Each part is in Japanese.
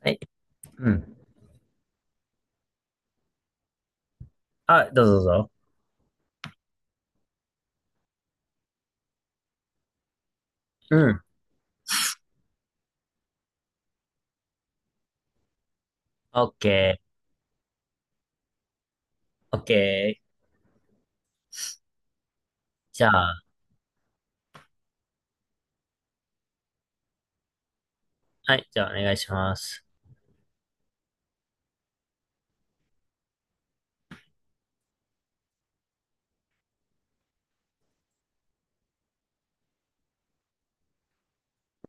はい。うん。あ、どうぞどうぞ。うん。オッケー、オッケー。じゃあ、はい、じゃあお願いします。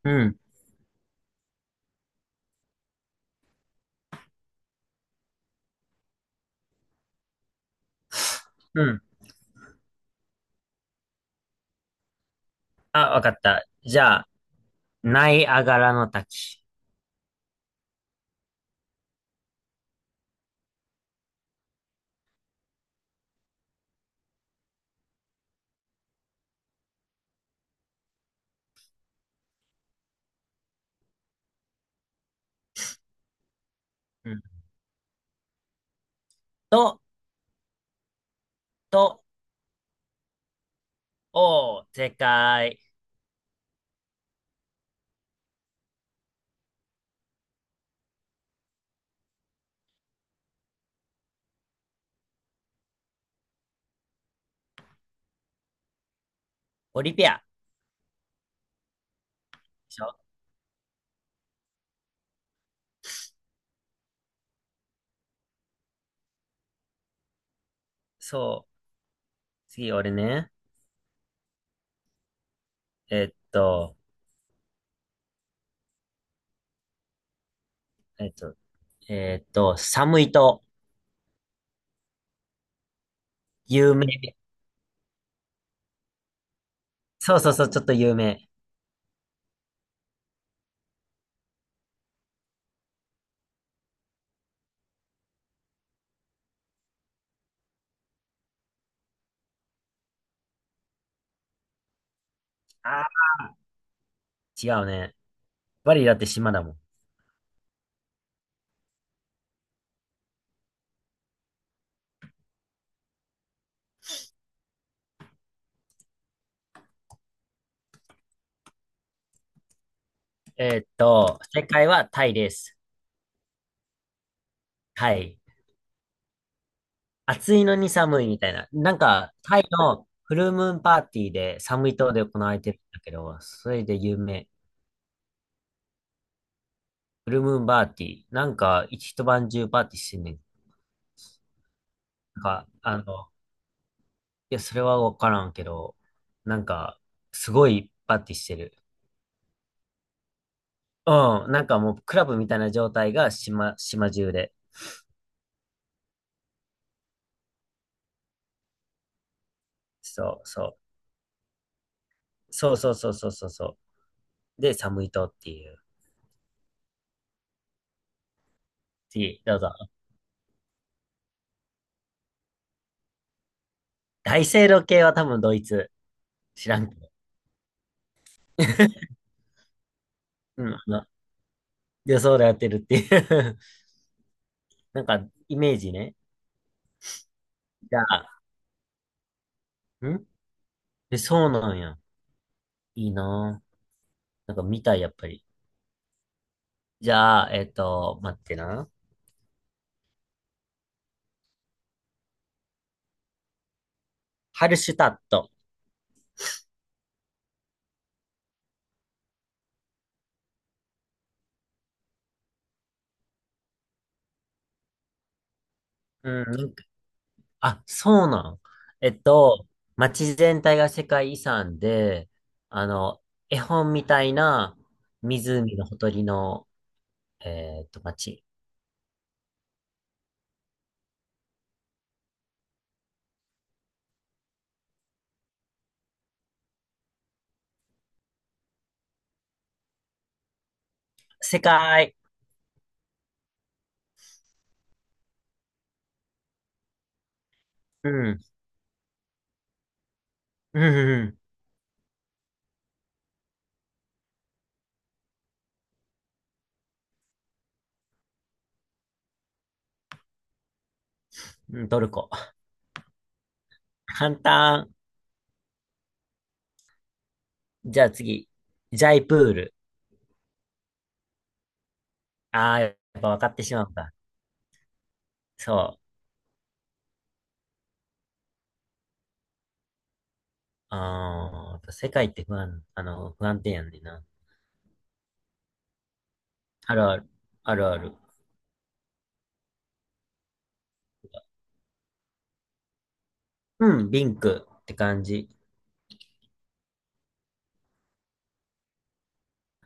うん。うん。あ、わかった。じゃあ、ナイアガラの滝。うん。と、と、おー、正解。オリピア。でしょそう。次、俺ね。えっと、えっと、寒いと、有名。そうそうそう、ちょっと有名。あー、違うね。バリだって島だもん。正解はタイです。はい。暑いのに寒いみたいな。なんか、タイのフルムーンパーティーで寒い島で行われてるんだけど、それで有名。フルムーンパーティー。なんか、一晩中パーティーしてんねん。なんか、いや、それはわからんけど、なんか、すごいパーティーしてる。うん、なんかもう、クラブみたいな状態が島中で。そう、そう。そうそうそうそうそうそう。で、寒い島っていう。次、どうぞ。大聖堂系は多分ドイツ。知らんけど。うん、予想で当てるっていう。 なんか、イメージね。じゃあ、んえ、そうなんや。いいなぁ。なんか見たい、やっぱり。じゃあ、待ってな。ハルシュタット。うん、なんか、あ、そうなん。えっと、街全体が世界遺産で、あの、絵本みたいな湖のほとりの、街。世界。うん、うん、うん、うん、うん、トルコ。簡単。じゃあ次。ジャイプール。ああ、やっぱ分かってしまうか。そう。ああ、やっぱ世界って不安定やんねんな。あるある。あるある。うん、リンクって感じ。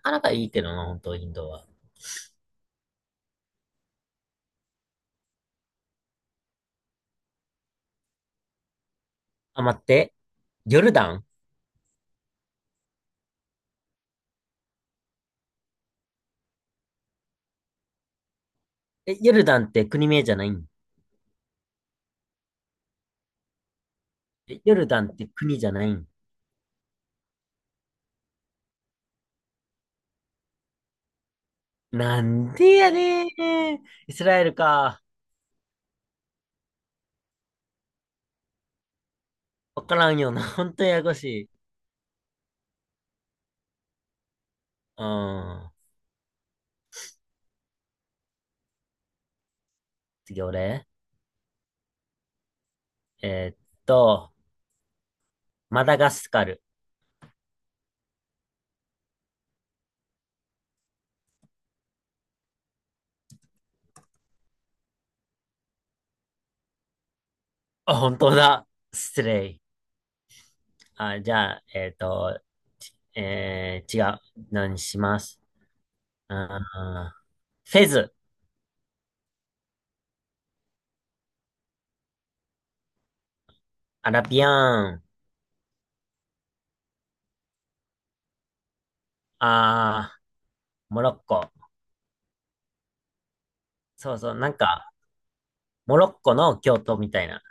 あなたいいけどな、本当インドは。あ、待って。ヨルダン。え、ヨルダンって国名じゃないん？え、ヨルダンって国じゃないん？なんでやねー。イスラエルか。わからんよな。本当ややこしい。うん。次俺。えーっと、マダガスカル。あ、本当だ。失礼。あ、じゃあ、えっと、ちえー、違う。何します。うん。フェズ、アラビアーン、あー、モロッコ。そうそう、なんか、モロッコの京都みたいな。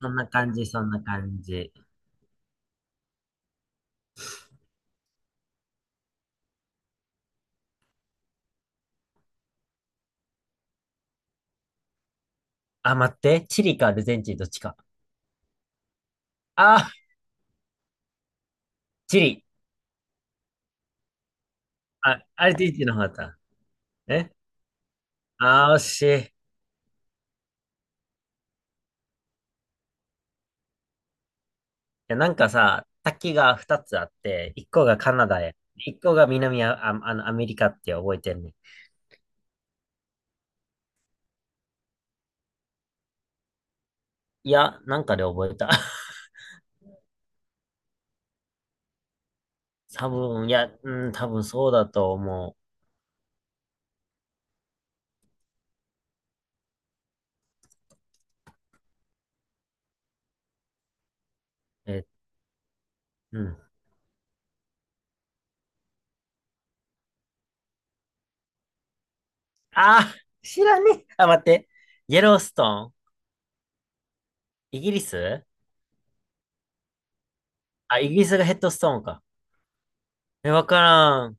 そんな感じ、そんな感じ。あ、待って、チリかアルゼンチンどっちか。あー、チリ。あ、アルゼンチンの方だった。えあー、惜しい。いや、なんかさ、滝が2つあって、1個がカナダへ、1個が南ア、あ、あの、アメリカって覚えてんね。いや、なんかで覚えた。多分、いや、うん、多分そうだと思う。え、うん。あー、知らねえ。あ、待って。イエローストーン、イギリス。あ、イギリスがヘッドストーンか。え、わからん。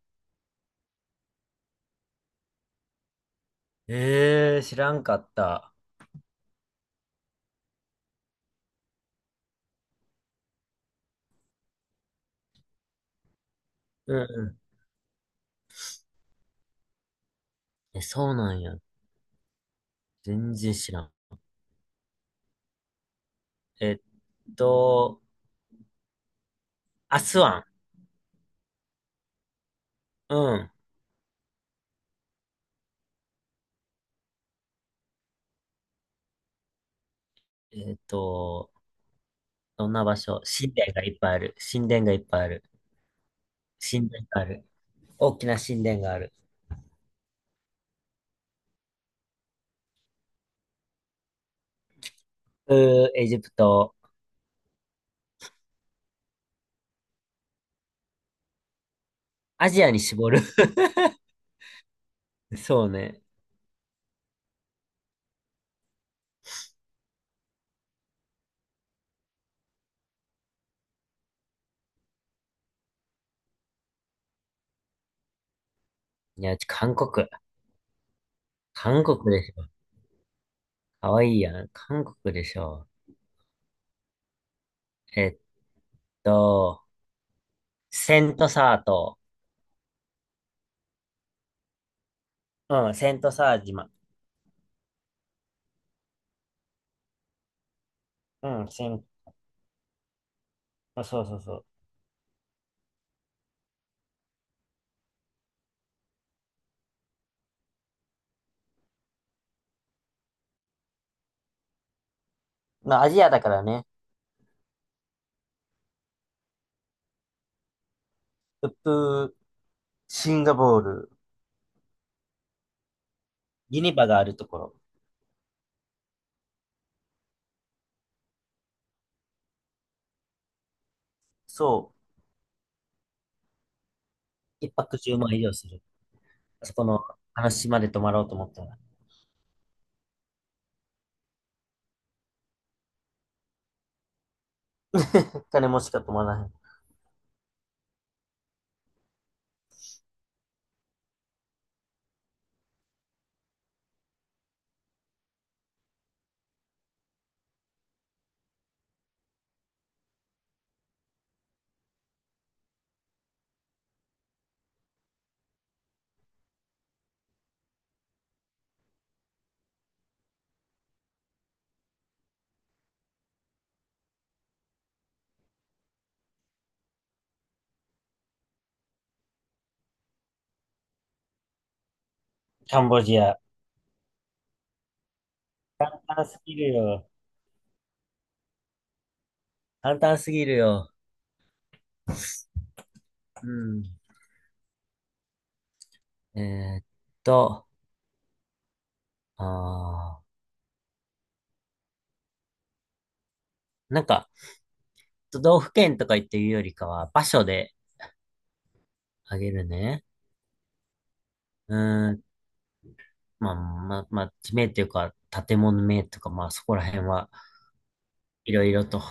えー、知らんかった。うんうん。え、そうなんや。全然知らん。えっと、アスワン。うん。えっと、どんな場所、神殿がいっぱいある。神殿がいっぱいある。神殿がある。大きな神殿がある。エジプト。アジアに絞る。そうね。いや、うち韓国。韓国でしょ。かわいいやん。韓国でしょ。えっと、セントサー島。うん、セントサー島。うん、セン、あ、そうそうそう。まあ、アジアだからね。ウプ、シンガポール、ユニバがあるところ。そう。一泊10万以上する。あそこの話島で泊まろうと思ったら。どっかでもしか泊まらない。カンボジア。簡単すぎるよ。簡単すぎるよ。うん。えーっと、あなんか、都道府県とか言って言うよりかは、場所であげるね。うーん、まあ、まあ、まあ、地名というか、建物名とか、まあ、そこら辺はいろいろと。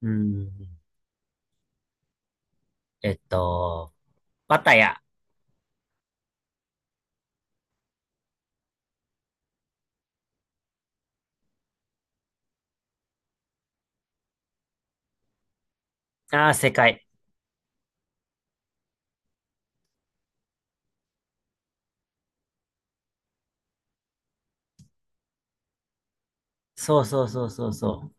うん、えっと、パタヤ。ああ、世界。そうそうそうそうそ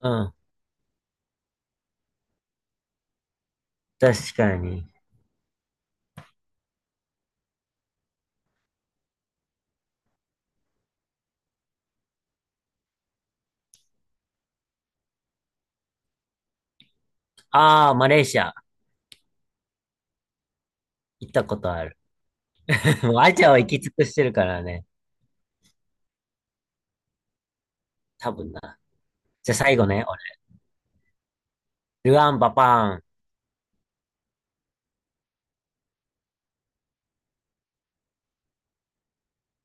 う。うん、確かに。ああ、マレーシア。行ったことある。もうアジアは行き尽くしてるからね。多分な。じゃあ最後ね、俺。ルアンバパ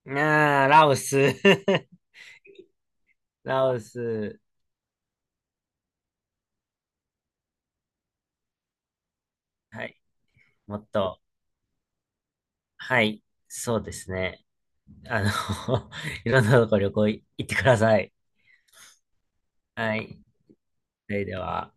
ーン。ああ、ラオス。ラオス。はい。もっと。はい、そうですね。あの、いろんなとこ旅行い行ってください。はい。それでは。